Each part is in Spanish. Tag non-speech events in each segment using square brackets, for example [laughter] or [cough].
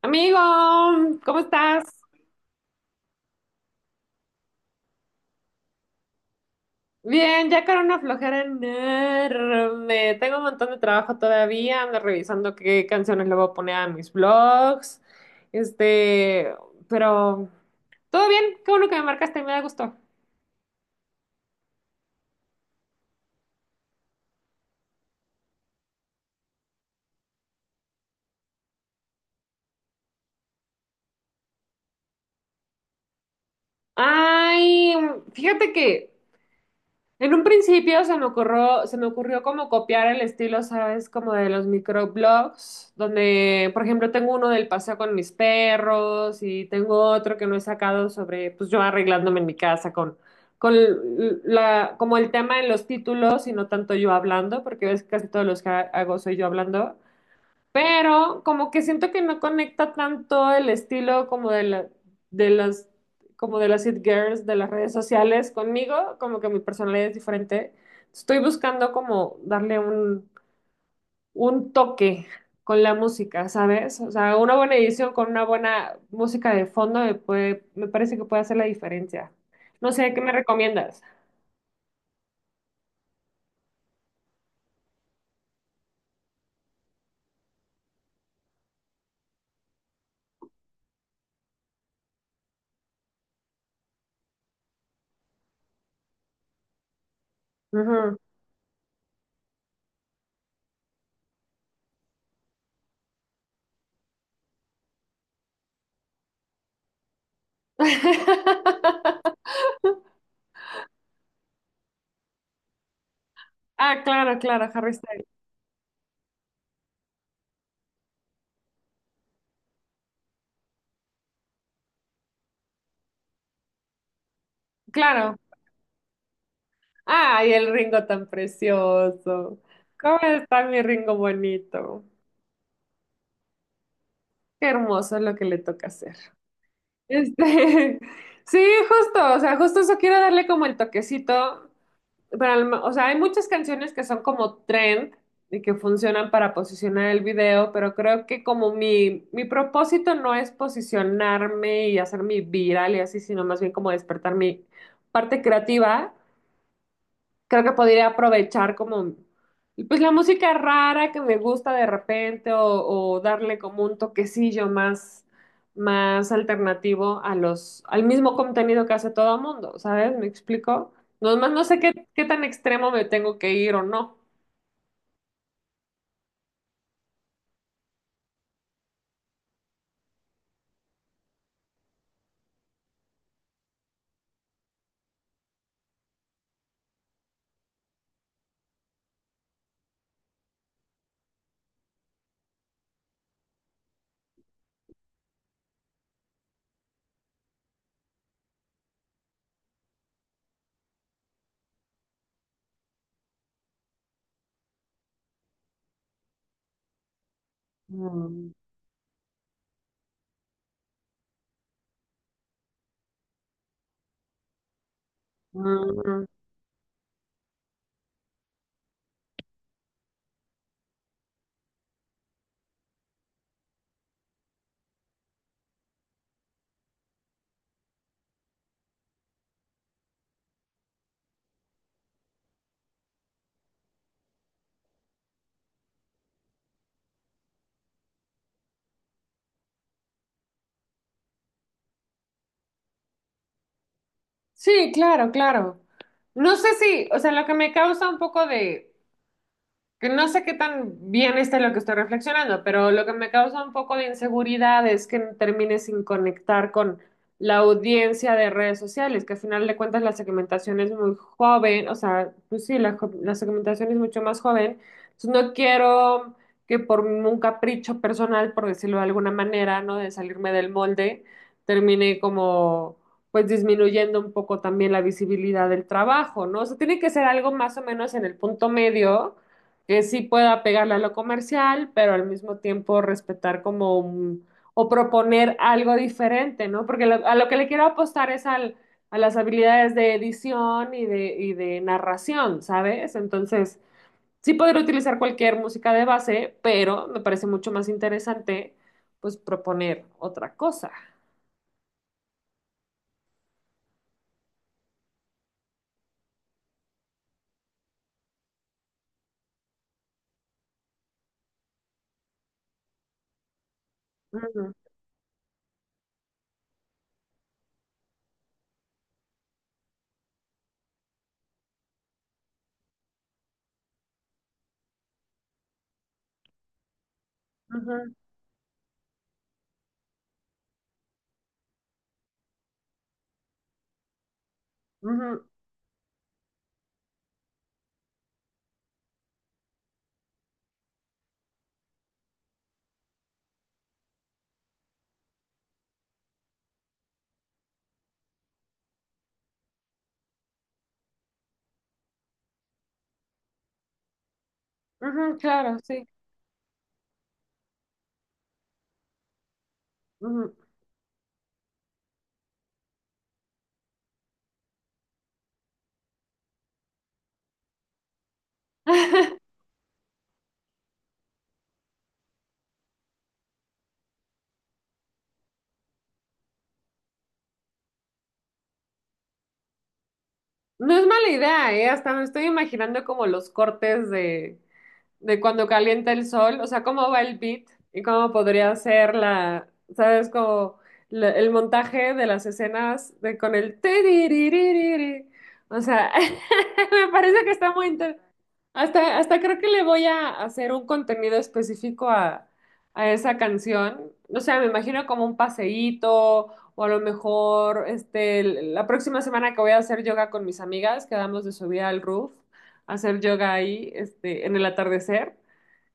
Amigo, ¿cómo estás? Bien, ya con una flojera enorme. Tengo un montón de trabajo todavía. Ando revisando qué canciones le voy a poner a mis vlogs. Este, pero todo bien. Qué bueno que me marcaste, me da gusto. Ay, fíjate que: En un principio se me ocurrió como copiar el estilo, ¿sabes? Como de los microblogs, donde, por ejemplo, tengo uno del paseo con mis perros y tengo otro que no he sacado sobre, pues yo arreglándome en mi casa con la, como el tema en los títulos y no tanto yo hablando, porque ves que casi todos los que hago soy yo hablando. Pero como que siento que no conecta tanto el estilo como de de las, como de las it girls de las redes sociales conmigo, como que mi personalidad es diferente. Estoy buscando como darle un toque con la música, ¿sabes? O sea, una buena edición con una buena música de fondo me puede, me parece que puede hacer la diferencia. No sé, ¿qué me recomiendas? Ujú. [laughs] Ah, claro, claro, Harry Styles. Claro, ay, el Ringo tan precioso. ¿Cómo está mi Ringo bonito? Qué hermoso es lo que le toca hacer. Este, [laughs] sí, justo, o sea, justo eso quiero darle como el toquecito, pero o sea, hay muchas canciones que son como trend y que funcionan para posicionar el video, pero creo que como mi propósito no es posicionarme y hacerme viral y así, sino más bien como despertar mi parte creativa. Creo que podría aprovechar como, pues la música rara que me gusta de repente o darle como un toquecillo más alternativo a al mismo contenido que hace todo el mundo, ¿sabes? ¿Me explico? Nomás no sé qué tan extremo me tengo que ir o no. Mm, mm, mm. Sí, claro, claro. No sé si, o sea, lo que me causa un poco de que no sé qué tan bien esté lo que estoy reflexionando, pero lo que me causa un poco de inseguridad es que termine sin conectar con la audiencia de redes sociales, que al final de cuentas la segmentación es muy joven, o sea, pues sí, la segmentación es mucho más joven, entonces no quiero que por un capricho personal, por decirlo de alguna manera, ¿no? De salirme del molde, termine como pues disminuyendo un poco también la visibilidad del trabajo, ¿no? O sea, tiene que ser algo más o menos en el punto medio que sí pueda pegarle a lo comercial, pero al mismo tiempo respetar como o proponer algo diferente, ¿no? Porque a lo que le quiero apostar es al, a las habilidades de edición y de narración, ¿sabes? Entonces, sí podría utilizar cualquier música de base, pero me parece mucho más interesante, pues, proponer otra cosa. Ujú, ujú, ujú, ujú, claro, sí. Ujú. [laughs] No es mala idea, ¿eh? Hasta me estoy imaginando como los cortes de cuando calienta el sol, o sea, cómo va el beat y cómo podría ser la, ¿sabes? Como el montaje de las escenas de, con el tiriririri. O sea, [laughs] me parece que está muy inter- Hasta, hasta creo que le voy a hacer un contenido específico a esa canción. O sea, me imagino como un paseíto o a lo mejor este, la próxima semana que voy a hacer yoga con mis amigas, quedamos de subir al roof hacer yoga ahí, este, en el atardecer,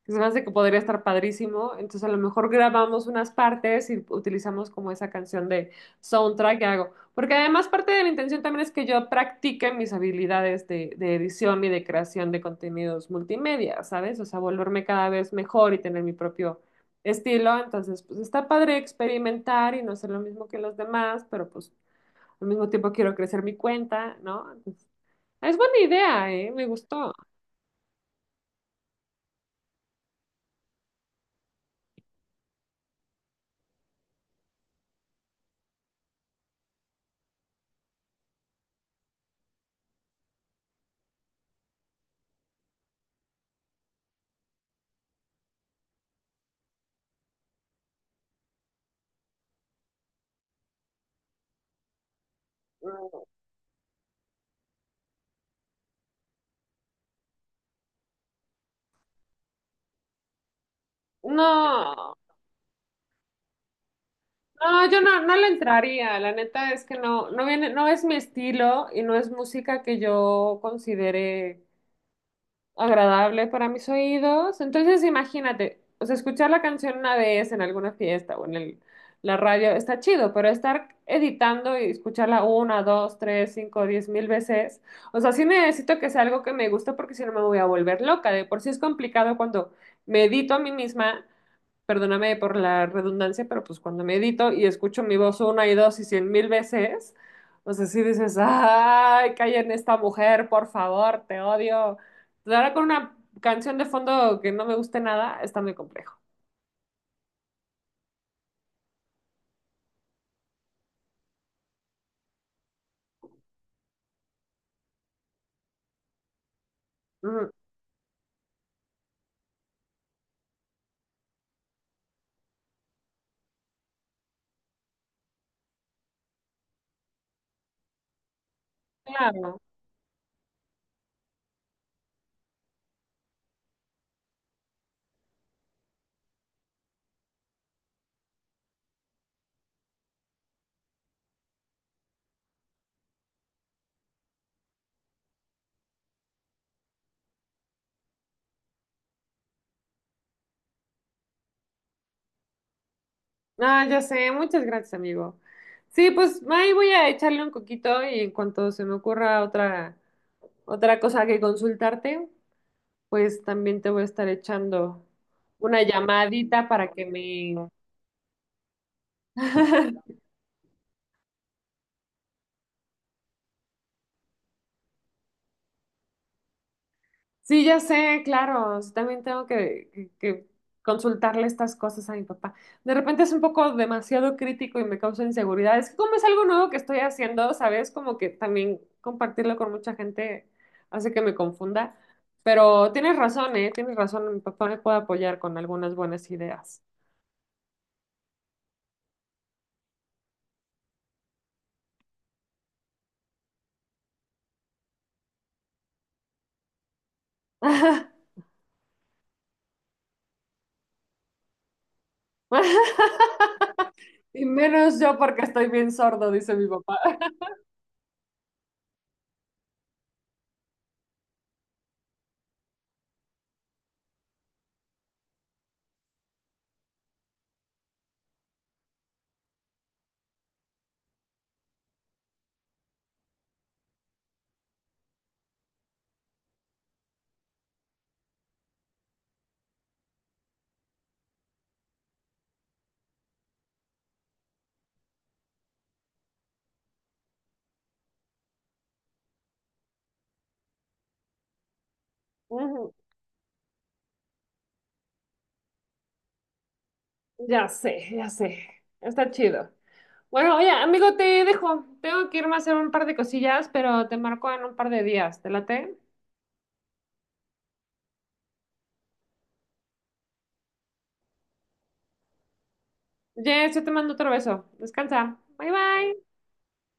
que se me hace que podría estar padrísimo. Entonces a lo mejor grabamos unas partes y utilizamos como esa canción de soundtrack que hago. Porque además parte de la intención también es que yo practique mis habilidades de edición y de creación de contenidos multimedia, ¿sabes? O sea, volverme cada vez mejor y tener mi propio estilo. Entonces, pues está padre experimentar y no hacer lo mismo que los demás, pero pues al mismo tiempo quiero crecer mi cuenta, ¿no? Entonces, es buena idea, ¿eh? Me gustó. No, no, yo no le entraría. La neta es que no viene, no es mi estilo y no es música que yo considere agradable para mis oídos. Entonces, imagínate, o sea, escuchar la canción una vez en alguna fiesta o en la radio está chido, pero estar editando y escucharla una, dos, tres, cinco, 10,000 veces, o sea, sí necesito que sea algo que me guste porque si no me voy a volver loca. De por sí es complicado cuando me edito a mí misma, perdóname por la redundancia, pero pues cuando me edito y escucho mi voz una y dos y 100,000 veces, o sea, sí dices, ay, calla esta mujer, por favor, te odio. Entonces, ahora con una canción de fondo que no me guste nada, está muy complejo. Ujú. Claro. Ah, ya sé, muchas gracias, amigo. Sí, pues ahí voy a echarle un coquito y en cuanto se me ocurra otra cosa que consultarte, pues también te voy a estar echando una llamadita para que me, [laughs] sí, ya sé, claro, sí, también tengo que consultarle estas cosas a mi papá. De repente es un poco demasiado crítico y me causa inseguridad. Es que como es algo nuevo que estoy haciendo, ¿sabes? Como que también compartirlo con mucha gente hace que me confunda. Pero tienes razón, ¿eh? Tienes razón, mi papá me puede apoyar con algunas buenas ideas. [laughs] Y menos yo porque estoy bien sordo, dice mi papá. [laughs] Ujú, ya sé, ya sé. Está chido. Bueno, oye, amigo, te dejo. Tengo que irme a hacer un par de cosillas, pero te marco en un par de días. ¿Te late? Yes, yo te mando otro beso. Descansa. Bye bye.